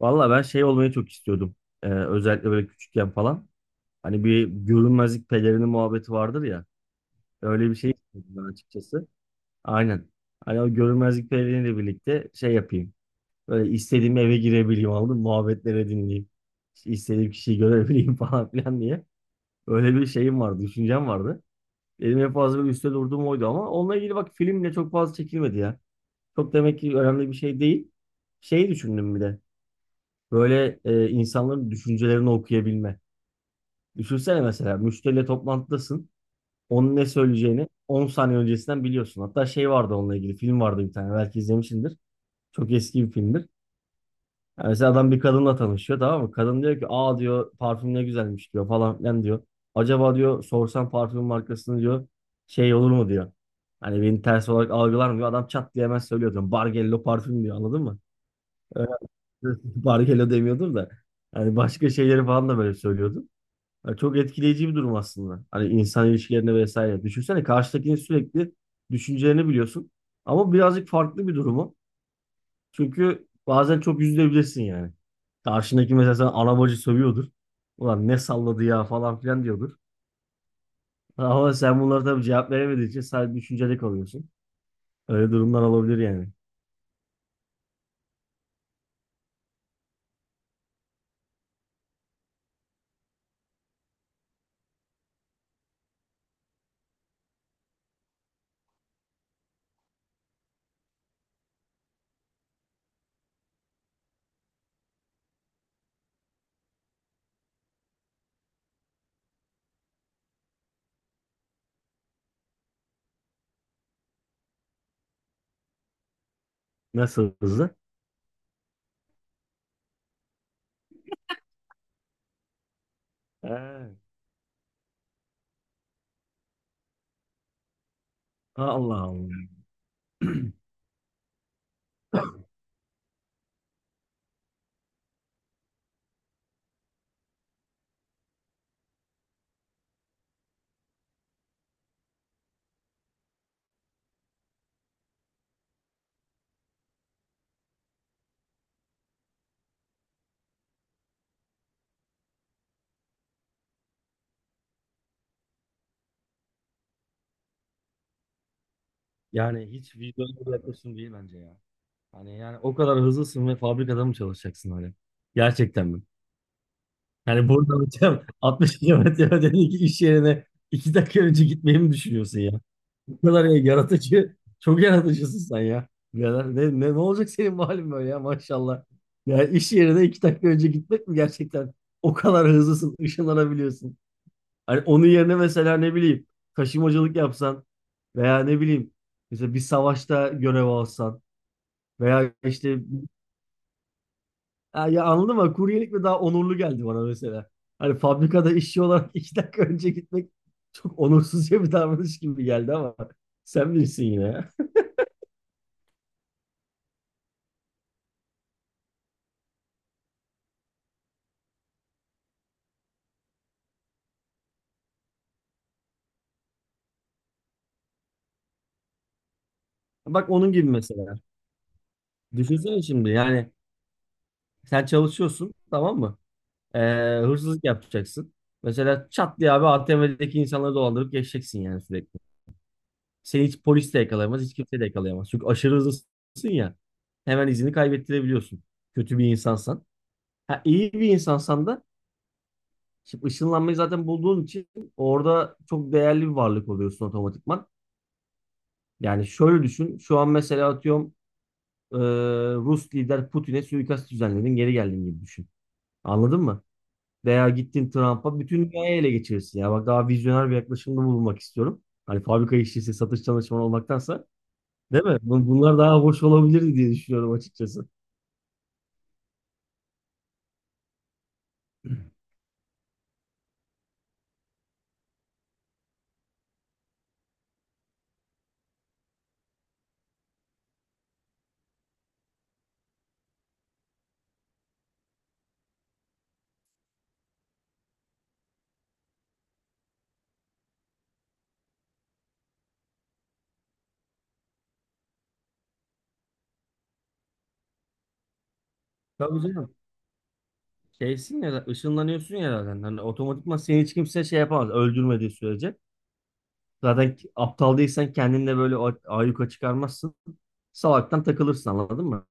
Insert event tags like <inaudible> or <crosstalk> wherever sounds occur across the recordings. Valla ben şey olmayı çok istiyordum. Özellikle böyle küçükken falan. Hani bir görünmezlik pelerini muhabbeti vardır ya. Öyle bir şey istiyordum ben açıkçası. Aynen. Hani o görünmezlik peleriniyle birlikte şey yapayım. Böyle istediğim eve girebileyim aldım. Muhabbetlere dinleyeyim. İşte İstediğim kişiyi görebileyim <laughs> falan filan diye. Öyle bir şeyim vardı. Düşüncem vardı. Benim en fazla böyle üstte durduğum oydu ama onunla ilgili bak filmle çok fazla çekilmedi ya. Çok demek ki önemli bir şey değil. Şeyi düşündüm bir de. Böyle insanların düşüncelerini okuyabilme. Düşünsene mesela müşteriyle toplantıdasın. Onun ne söyleyeceğini 10 saniye öncesinden biliyorsun. Hatta şey vardı, onunla ilgili film vardı bir tane, belki izlemişsindir. Çok eski bir filmdir. Yani mesela adam bir kadınla tanışıyor, tamam mı? Kadın diyor ki aa diyor parfüm ne güzelmiş diyor falan filan diyor. Acaba diyor sorsam parfüm markasını diyor şey olur mu diyor. Hani beni ters olarak algılar mı diyor. Adam çat diye hemen söylüyor diyor. Bargello parfüm diyor, anladın mı? <laughs> Bargello demiyordum da. Hani başka şeyleri falan da böyle söylüyordum. Yani çok etkileyici bir durum aslında. Hani insan ilişkilerine vesaire. Düşünsene, karşıdakinin sürekli düşüncelerini biliyorsun. Ama birazcık farklı bir durumu. Çünkü bazen çok üzülebilirsin yani. Karşındaki mesela sana ana bacı sövüyordur. Ulan ne salladı ya falan filan diyordur. <laughs> Ama sen bunlara tabii cevap veremediğin için sadece düşünceli kalıyorsun. Öyle durumlar olabilir yani. Nasıl hızlı? He. Allah Allah. Yani hiç vicdanlı bir yaklaşım değil bence ya. Hani yani o kadar hızlısın ve fabrikada mı çalışacaksın hani? Gerçekten mi? Yani buradan hocam <laughs> 60 kilometre ötedeki iş yerine 2 dakika önce gitmeyi mi düşünüyorsun ya? Bu kadar ya yaratıcı, çok yaratıcısın sen ya. Birader, ne olacak senin bu halin böyle ya, maşallah. Ya iş yerine 2 dakika önce gitmek mi gerçekten? O kadar hızlısın, ışınlanabiliyorsun. Hani onun yerine mesela, ne bileyim, taşımacılık yapsan, veya ne bileyim, mesela bir savaşta görev alsan, veya işte. Ha, ya anladın mı? Kuryelik mi daha onurlu geldi bana mesela. Hani fabrikada işçi olarak <laughs> 2 dakika önce gitmek çok onursuzca bir davranış gibi geldi, ama sen bilirsin yine ya. Bak onun gibi mesela. Düşünsene şimdi yani, sen çalışıyorsun, tamam mı? Ee, hırsızlık yapacaksın. Mesela çat diye abi ATM'deki insanları dolandırıp geçeceksin yani sürekli. Seni hiç polis de yakalayamaz, hiç kimse de yakalayamaz. Çünkü aşırı hızlısın ya. Hemen izini kaybettirebiliyorsun. Kötü bir insansan. Ha, iyi bir insansan da, şimdi ışınlanmayı zaten bulduğun için orada çok değerli bir varlık oluyorsun otomatikman. Yani şöyle düşün. Şu an mesela atıyorum, e, Rus lider Putin'e suikast düzenledin, geri geldin gibi düşün. Anladın mı? Veya gittin Trump'a, bütün dünyayı ele geçirirsin. Ya bak, daha vizyoner bir yaklaşımda bulunmak istiyorum. Hani fabrika işçisi, satış çalışanı olmaktansa. Değil mi? Bunlar daha hoş olabilirdi diye düşünüyorum açıkçası. Tabii canım. Şeysin ya, ışınlanıyorsun ya zaten. Hani otomatikman seni hiç kimse şey yapamaz. Öldürmediği sürece. Zaten aptal değilsen kendinle böyle ayyuka çıkarmazsın. Salaktan takılırsın, anladın mı?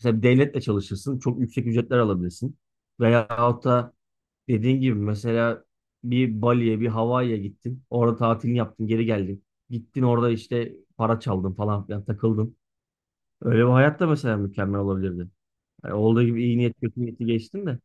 Mesela bir devletle çalışırsın. Çok yüksek ücretler alabilirsin. Veyahut da dediğin gibi, mesela bir Bali'ye, bir Hawaii'ye gittin. Orada tatilini yaptın, geri geldin. Gittin orada işte para çaldın falan filan takıldın. Öyle bir hayat da mesela mükemmel olabilirdi. Yani olduğu gibi iyi niyet kötü niyeti geçtim de.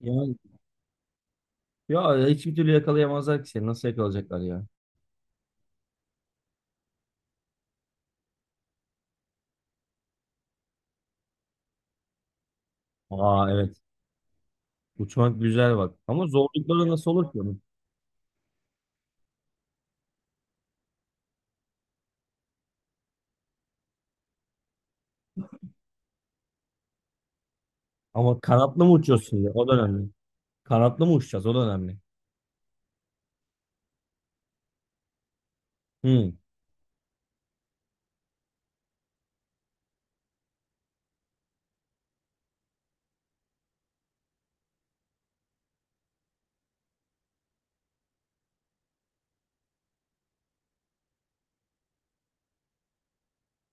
Yani ya, hiçbir türlü yakalayamazlar ki seni. Nasıl yakalayacaklar ya? Aa, evet. Uçmak güzel bak. Ama zorlukları nasıl olur ki onun? Ama kanatlı mı uçuyorsun ya? O da önemli. Kanatlı mı uçacağız? O da önemli. Hı.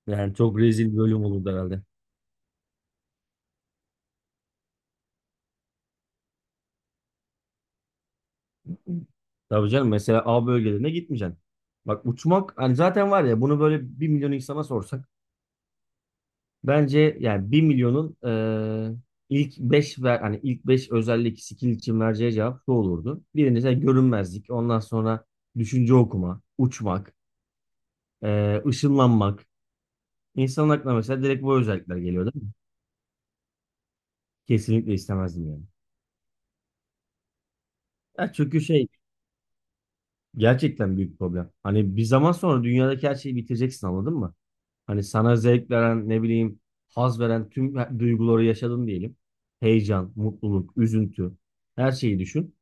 Yani çok rezil bir bölüm olurdu herhalde. Tabii canım, mesela A bölgelerine gitmeyeceksin. Bak uçmak, hani zaten var ya, bunu böyle 1 milyon insana sorsak bence yani, bir milyonun ilk 5 ver, hani ilk 5 özellik skill için vereceği cevap şu olurdu. Birincisi görünmezlik, ondan sonra düşünce okuma, uçmak, ışınlanmak, İnsanın aklına mesela direkt bu özellikler geliyor, değil mi? Kesinlikle istemezdim yani. Ya çünkü şey, gerçekten büyük problem. Hani bir zaman sonra dünyadaki her şeyi bitireceksin, anladın mı? Hani sana zevk veren, ne bileyim, haz veren tüm duyguları yaşadın diyelim. Heyecan, mutluluk, üzüntü, her şeyi düşün.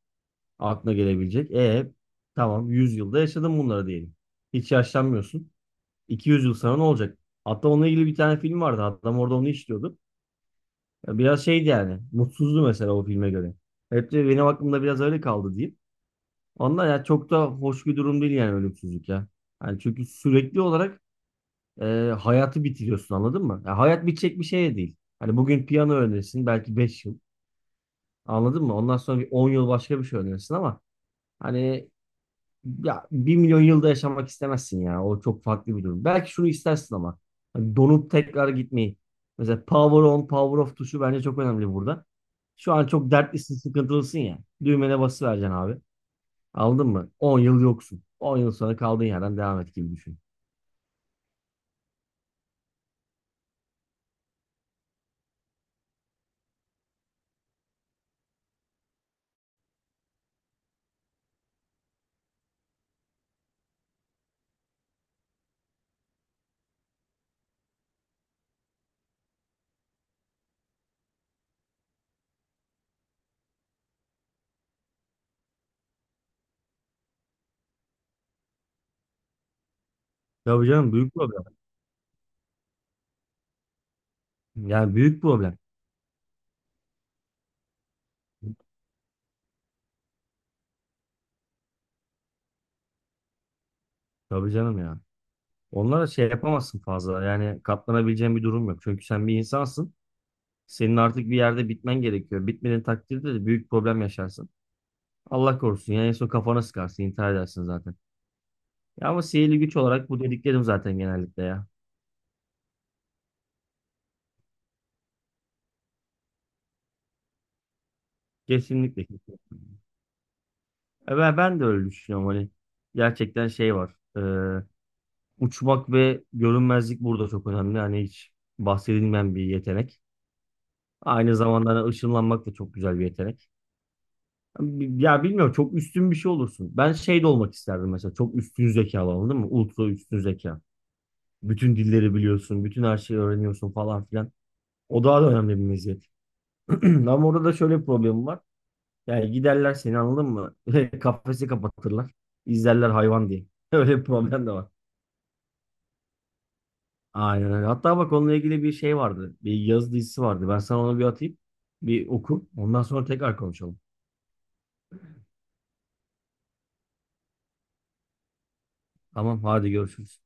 Aklına gelebilecek. E tamam, 100 yılda yaşadın bunları diyelim. Hiç yaşlanmıyorsun. 200 yıl sonra ne olacak? Hatta onunla ilgili bir tane film vardı. Adam orada onu işliyordu. Ya biraz şeydi yani. Mutsuzdu mesela o filme göre. Hep de benim aklımda biraz öyle kaldı diyeyim. Ondan ya, çok da hoş bir durum değil yani ölümsüzlük ya. Yani çünkü sürekli olarak e, hayatı bitiriyorsun, anladın mı? Ya hayat bitecek bir şey de değil. Hani bugün piyano öğrenirsin belki, 5 yıl. Anladın mı? Ondan sonra bir 10 yıl başka bir şey öğrenirsin, ama hani, ya 1 milyon yılda yaşamak istemezsin ya. O çok farklı bir durum. Belki şunu istersin ama. Hani donup tekrar gitmeyi. Mesela power on, power off tuşu bence çok önemli burada. Şu an çok dertlisin, sıkıntılısın ya. Düğmene basıvereceksin abi. Aldın mı? 10 yıl yoksun. 10 yıl sonra kaldığın yerden devam et gibi düşün. Tabii canım, büyük problem. Yani büyük problem. Tabii canım ya. Onlara şey yapamazsın fazla. Yani katlanabileceğin bir durum yok. Çünkü sen bir insansın. Senin artık bir yerde bitmen gerekiyor. Bitmediğin takdirde de büyük problem yaşarsın. Allah korusun. Yani en son kafana sıkarsın, intihar edersin zaten. Ya ama sihirli güç olarak bu dediklerim zaten genellikle ya. Kesinlikle. Kesinlikle. E ben de öyle düşünüyorum hani. Gerçekten şey var. e, uçmak ve görünmezlik burada çok önemli. Hani hiç bahsedilmeyen bir yetenek. Aynı zamanda hani ışınlanmak da çok güzel bir yetenek. Ya bilmiyorum, çok üstün bir şey olursun. Ben şey de olmak isterdim mesela. Çok üstün zekalı, anladın mı? Ultra üstün zeka. Bütün dilleri biliyorsun. Bütün her şeyi öğreniyorsun falan filan. O daha da önemli bir meziyet. <clears throat> Ama orada da şöyle bir problem var. Yani giderler seni, anladın mı? <laughs> Kafesi kapatırlar. İzlerler hayvan diye. <laughs> Öyle bir problem de var. Aynen öyle. Hatta bak, onunla ilgili bir şey vardı. Bir yazı dizisi vardı. Ben sana onu bir atayım. Bir oku. Ondan sonra tekrar konuşalım. Tamam, hadi görüşürüz.